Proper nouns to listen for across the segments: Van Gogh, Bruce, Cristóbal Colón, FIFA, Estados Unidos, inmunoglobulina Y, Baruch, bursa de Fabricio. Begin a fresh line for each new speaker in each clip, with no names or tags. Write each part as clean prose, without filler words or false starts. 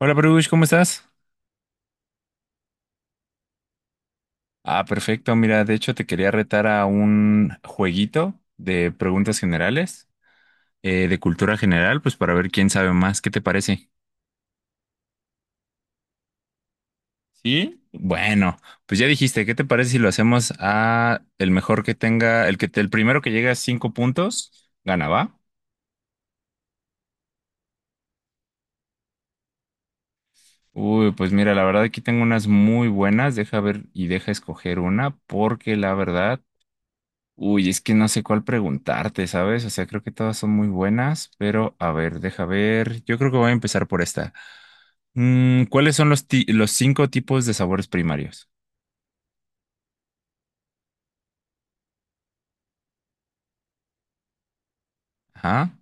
Hola, Bruce, ¿cómo estás? Ah, perfecto. Mira, de hecho te quería retar a un jueguito de preguntas generales, de cultura general, pues para ver quién sabe más. ¿Qué te parece? Sí. Bueno, pues ya dijiste, ¿qué te parece si lo hacemos a el mejor que tenga, el primero que llegue a 5 puntos, gana, ¿va? Uy, pues mira, la verdad aquí tengo unas muy buenas. Deja ver y deja escoger una, porque la verdad. Uy, es que no sé cuál preguntarte, ¿sabes? O sea, creo que todas son muy buenas, pero a ver, deja ver. Yo creo que voy a empezar por esta. ¿Cuáles son los 5 tipos de sabores primarios? Ajá,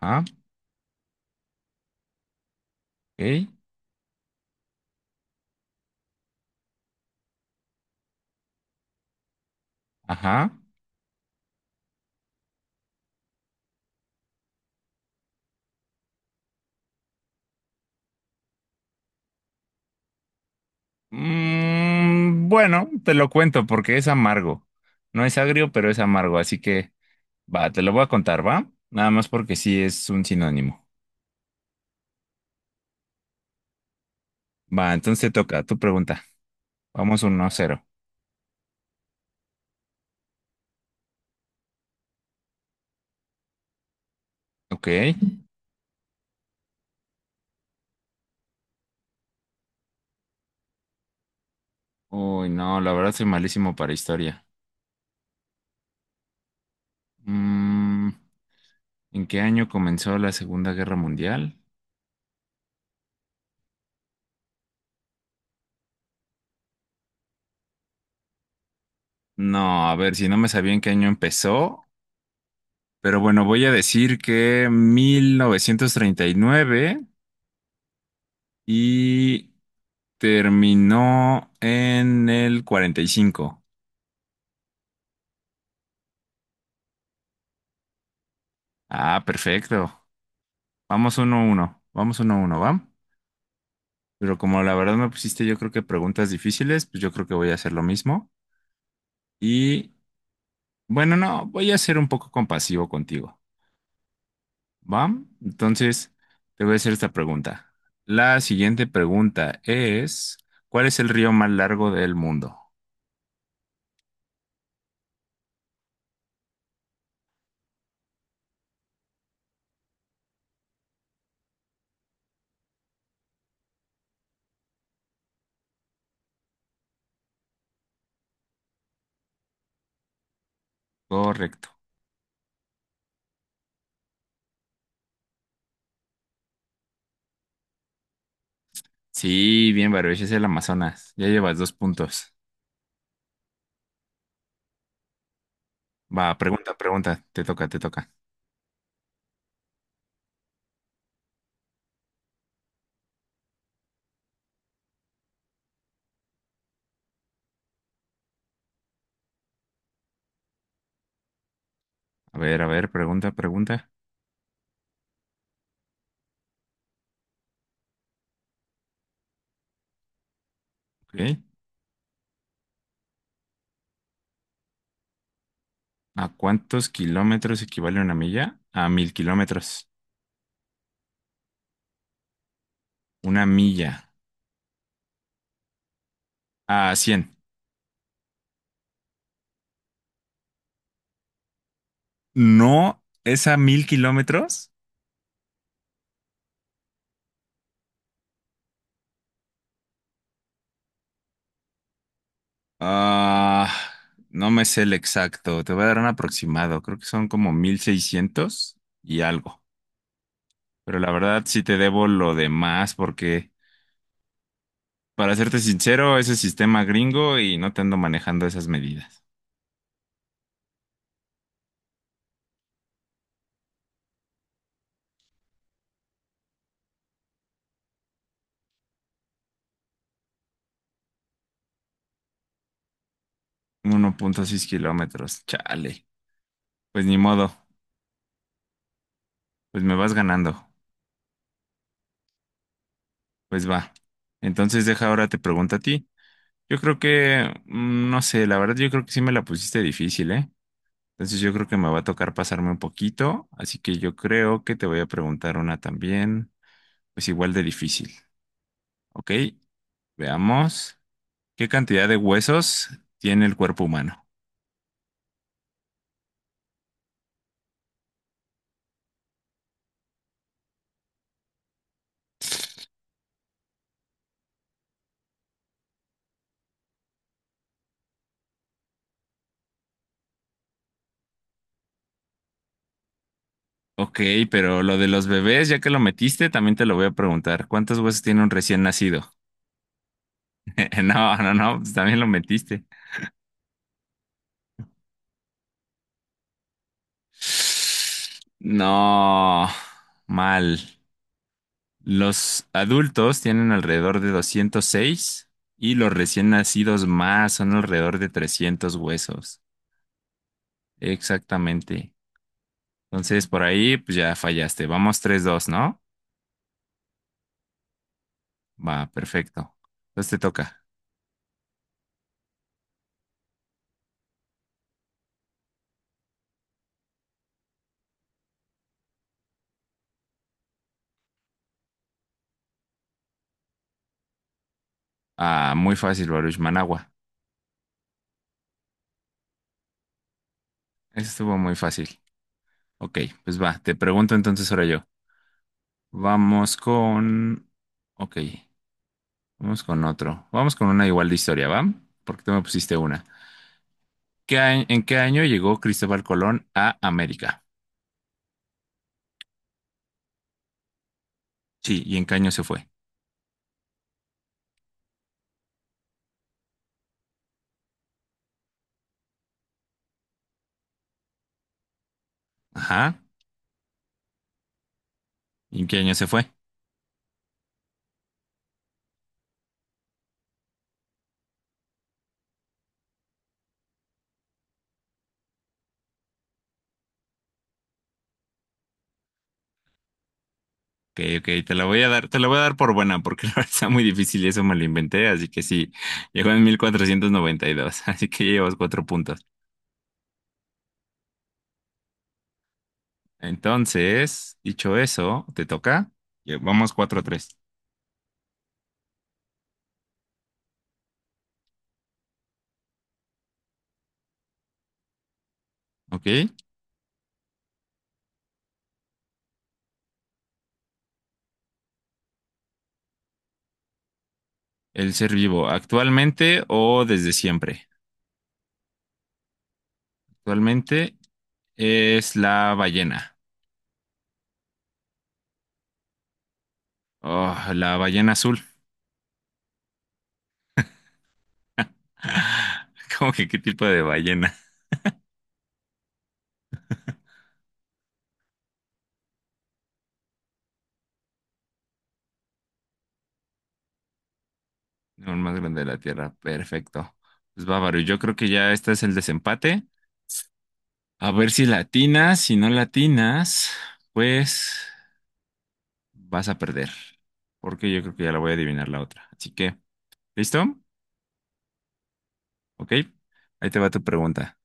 ajá, ok, ajá. Bueno, te lo cuento porque es amargo. No es agrio, pero es amargo, así que va, te lo voy a contar, ¿va? Nada más porque sí es un sinónimo. Va, entonces te toca tu pregunta. Vamos 1 cero. Ok. Uy, no, la verdad soy malísimo para historia. Mm, ¿En qué año comenzó la Segunda Guerra Mundial? No, a ver, si no me sabía en qué año empezó, pero bueno, voy a decir que 1939 y nueve y terminó en el 45. Ah, perfecto. Vamos uno a uno, vamos uno a uno, ¿va? Pero como la verdad me pusiste yo creo que preguntas difíciles, pues yo creo que voy a hacer lo mismo. Y bueno, no, voy a ser un poco compasivo contigo. ¿Va? Entonces, te voy a hacer esta pregunta. La siguiente pregunta es, ¿cuál es el río más largo del mundo? Correcto. Sí, bien, Baruch, es el Amazonas. Ya llevas 2 puntos. Va, pregunta, pregunta. Te toca, te toca. A ver, pregunta, pregunta. Ok. ¿A cuántos kilómetros equivale una milla? A mil kilómetros. Una milla. A cien. No, es a mil kilómetros. Ah, no me sé el exacto, te voy a dar un aproximado, creo que son como 1600 y algo, pero la verdad sí te debo lo demás porque, para serte sincero, ese sistema gringo y no te ando manejando esas medidas. 1,6 kilómetros, chale, pues ni modo, pues me vas ganando, pues va. Entonces deja ahora te pregunto a ti. Yo creo que, no sé, la verdad yo creo que sí me la pusiste difícil, ¿eh? Entonces yo creo que me va a tocar pasarme un poquito, así que yo creo que te voy a preguntar una también, pues igual de difícil, ¿ok? Veamos, ¿qué cantidad de huesos tiene el cuerpo humano? Ok, pero lo de los bebés, ya que lo metiste, también te lo voy a preguntar, ¿cuántos huesos tiene un recién nacido? No, no, no, pues también lo metiste. No, mal. Los adultos tienen alrededor de 206 y los recién nacidos más son alrededor de 300 huesos. Exactamente. Entonces, por ahí, pues ya fallaste. Vamos 3-2, ¿no? Va, perfecto. Entonces te toca. Ah, muy fácil, Baruch. Managua. Eso estuvo muy fácil. Ok, pues va, te pregunto entonces ahora yo. Vamos con... Ok, vamos con otro. Vamos con una igual de historia, ¿va? Porque tú me pusiste una. ¿En qué año llegó Cristóbal Colón a América? Sí, ¿y en qué año se fue? Ajá, ¿y en qué año se fue? Ok, ok, te la voy a dar, te la voy a dar por buena porque la verdad está muy difícil y eso me lo inventé, así que sí, llegó en 1492. así que llevas 4 puntos. Entonces, dicho eso, ¿te toca? Ya, vamos 4 tres. ¿Ok? El ser vivo, ¿actualmente o desde siempre? Actualmente es la ballena. Oh, la ballena azul. ¿Cómo que qué tipo de ballena? Aún más grande de la Tierra. Perfecto. Pues bávaro, yo creo que ya este es el desempate. A ver si latinas, si no latinas, pues vas a perder. Porque yo creo que ya la voy a adivinar la otra. Así que, ¿listo? Ok. Ahí te va tu pregunta.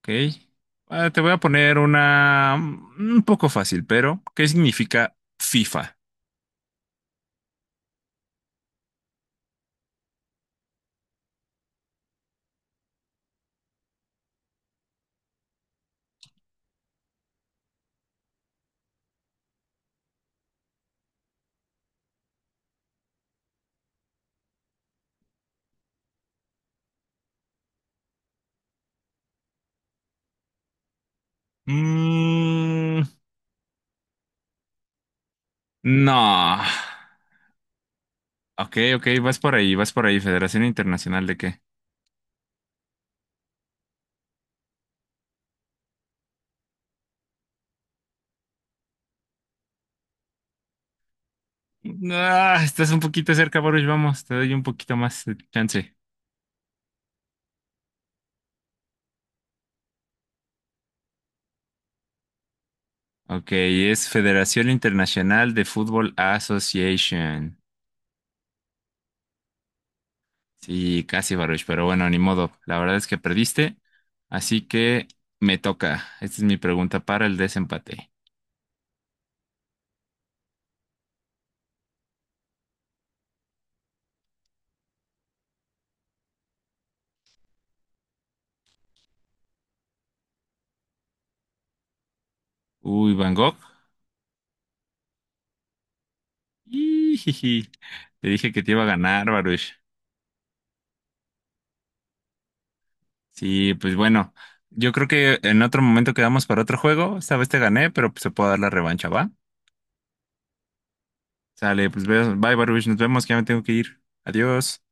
Ok. Ah, te voy a poner una un poco fácil, pero ¿qué significa FIFA? Mm, no. Ok, ok, vas por ahí, Federación Internacional de qué. Ah, estás un poquito cerca, Baruch, vamos, te doy un poquito más de chance. Ok, es Federación Internacional de Fútbol Association. Sí, casi, Baruch, pero bueno, ni modo. La verdad es que perdiste, así que me toca. Esta es mi pregunta para el desempate. Uy, Van Gogh. Ijiji, te dije que te iba a ganar, Baruch. Sí, pues bueno, yo creo que en otro momento quedamos para otro juego. Esta vez te gané, pero pues, se puede dar la revancha, ¿va? Sale, pues bye, Baruch, nos vemos, que ya me tengo que ir. Adiós.